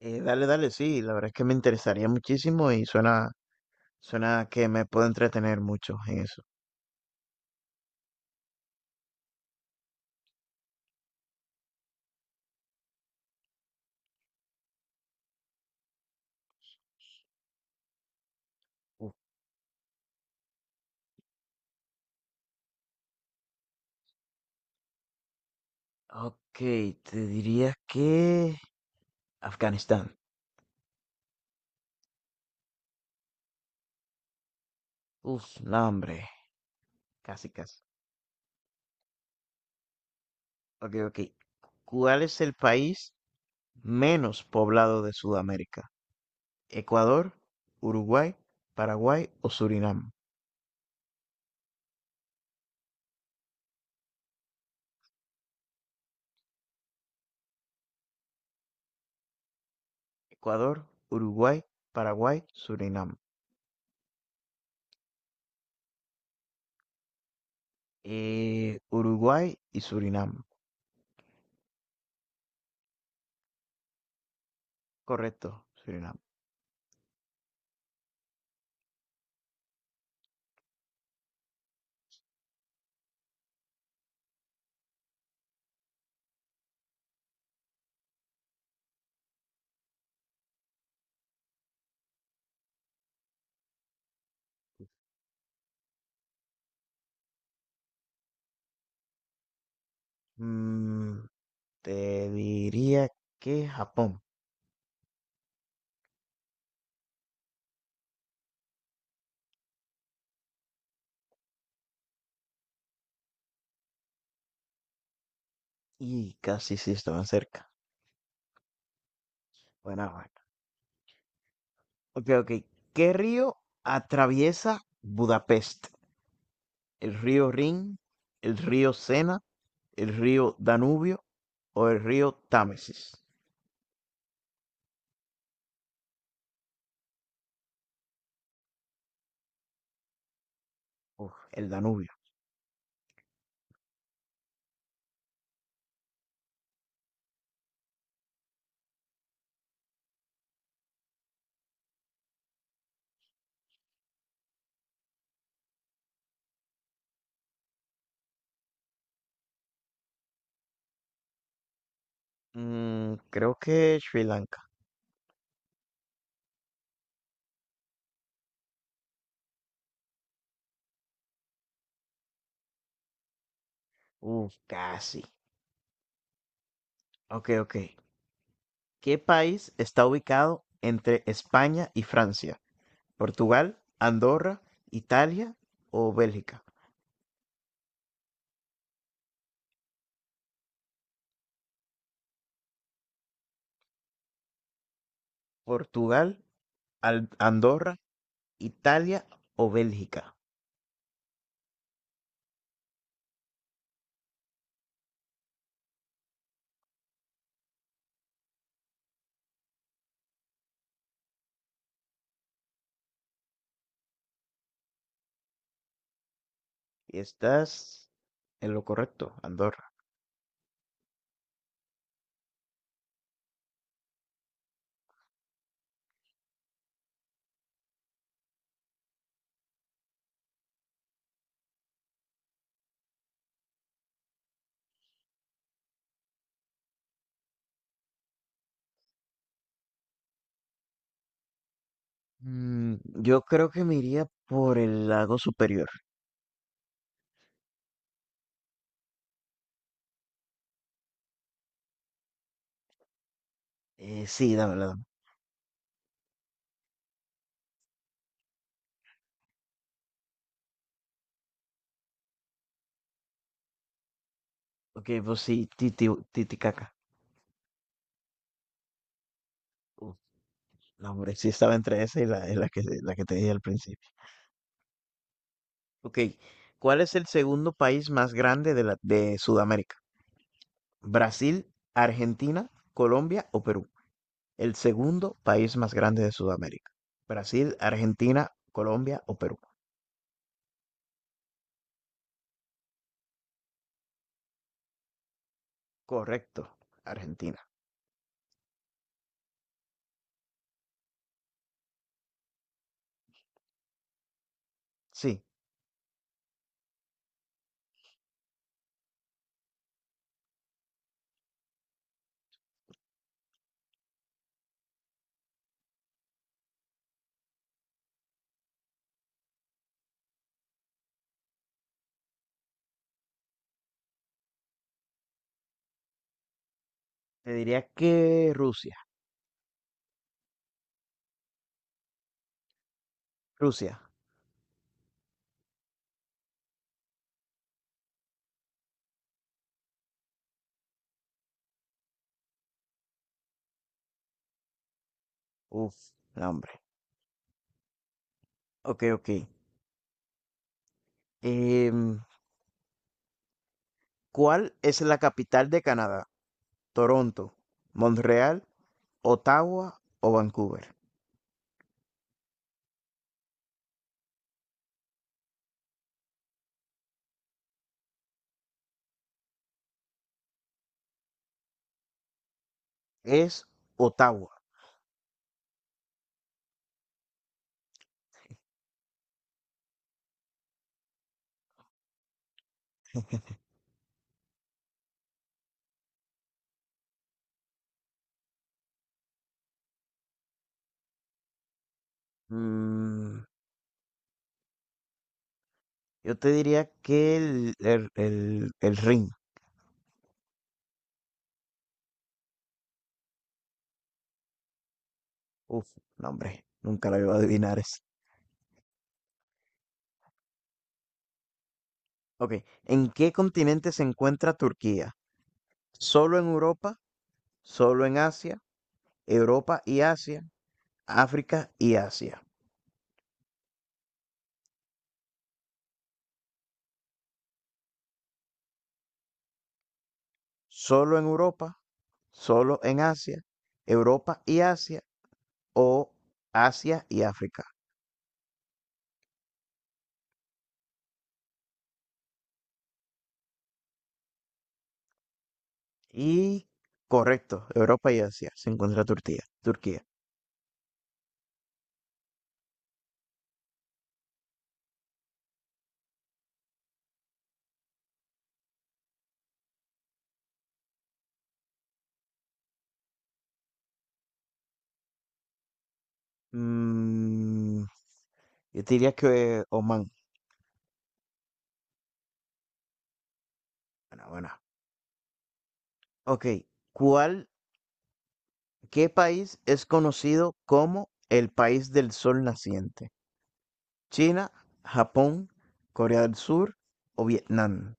Dale, dale, sí, la verdad es que me interesaría muchísimo y suena que me puedo entretener mucho en eso. Uf, ok, te diría que Afganistán. Uf, no, hombre, casi, casi. Ok, ok. ¿Cuál es el país menos poblado de Sudamérica? ¿Ecuador, Uruguay, Paraguay o Surinam? Ecuador, Uruguay, Paraguay, Surinam. Uruguay y Surinam. Correcto, Surinam. Mm, Te diría que Japón. Y casi sí estaban cerca. Bueno, bueno. Ok, ok. ¿Qué río atraviesa Budapest? ¿El río Rin, el río Sena, el río Danubio o el río Támesis? Uf, el Danubio. Creo que Sri Lanka. Casi. Ok, ok. ¿Qué país está ubicado entre España y Francia? ¿Portugal, Andorra, Italia o Bélgica? Portugal, Andorra, Italia o Bélgica. Y estás en lo correcto, Andorra. Mm, yo creo que me iría por el lago superior. Sí, dame, la dame. Ok, pues sí, Titicaca. Uf, no, hombre, sí estaba entre esa y la que te dije al principio. Ok, ¿cuál es el segundo país más grande de, la, de Sudamérica? ¿Brasil, Argentina, Colombia o Perú? El segundo país más grande de Sudamérica. Brasil, Argentina, Colombia o Perú. Correcto, Argentina. Sí, te diría que Rusia. Rusia. Uf, no, hombre. Okey, okey. Em, ¿Cuál es la capital de Canadá? ¿Toronto, Montreal, Ottawa o Vancouver? Es Ottawa. Mm, yo te diría que el Rin. Uf, no, hombre, nunca la iba a adivinar esa. Okey, ¿en qué continente se encuentra Turquía? ¿Solo en Europa, solo en Asia, Europa y Asia, África y Asia? Solo en Europa, solo en Asia, Europa y Asia o Asia y África. Y correcto, Europa y Asia se encuentra Turquía. Turquía. Mm, yo te diría que Oman. Bueno, bueno. Ok, ¿cuál, qué país es conocido como el país del sol naciente? China, Japón, Corea del Sur o Vietnam.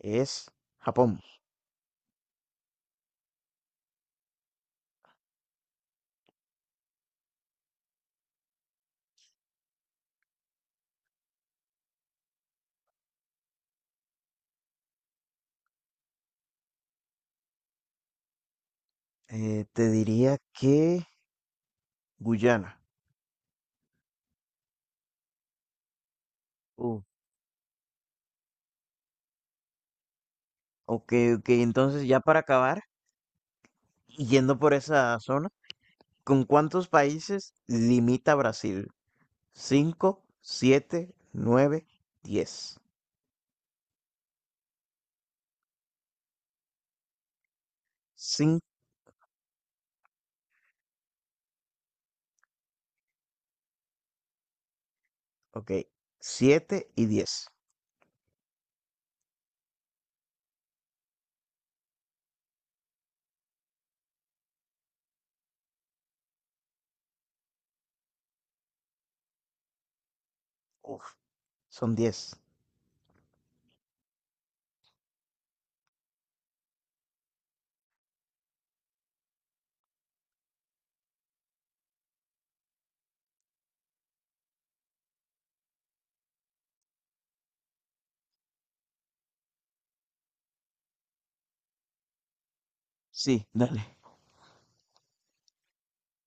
Es Japón. Te diría que Guyana. Uh, Ok, ok, entonces ya para acabar, y yendo por esa zona, ¿con cuántos países limita Brasil? Cinco, siete, nueve, 10. Cinco, ok, siete y 10. Uf, son 10. Sí, dale.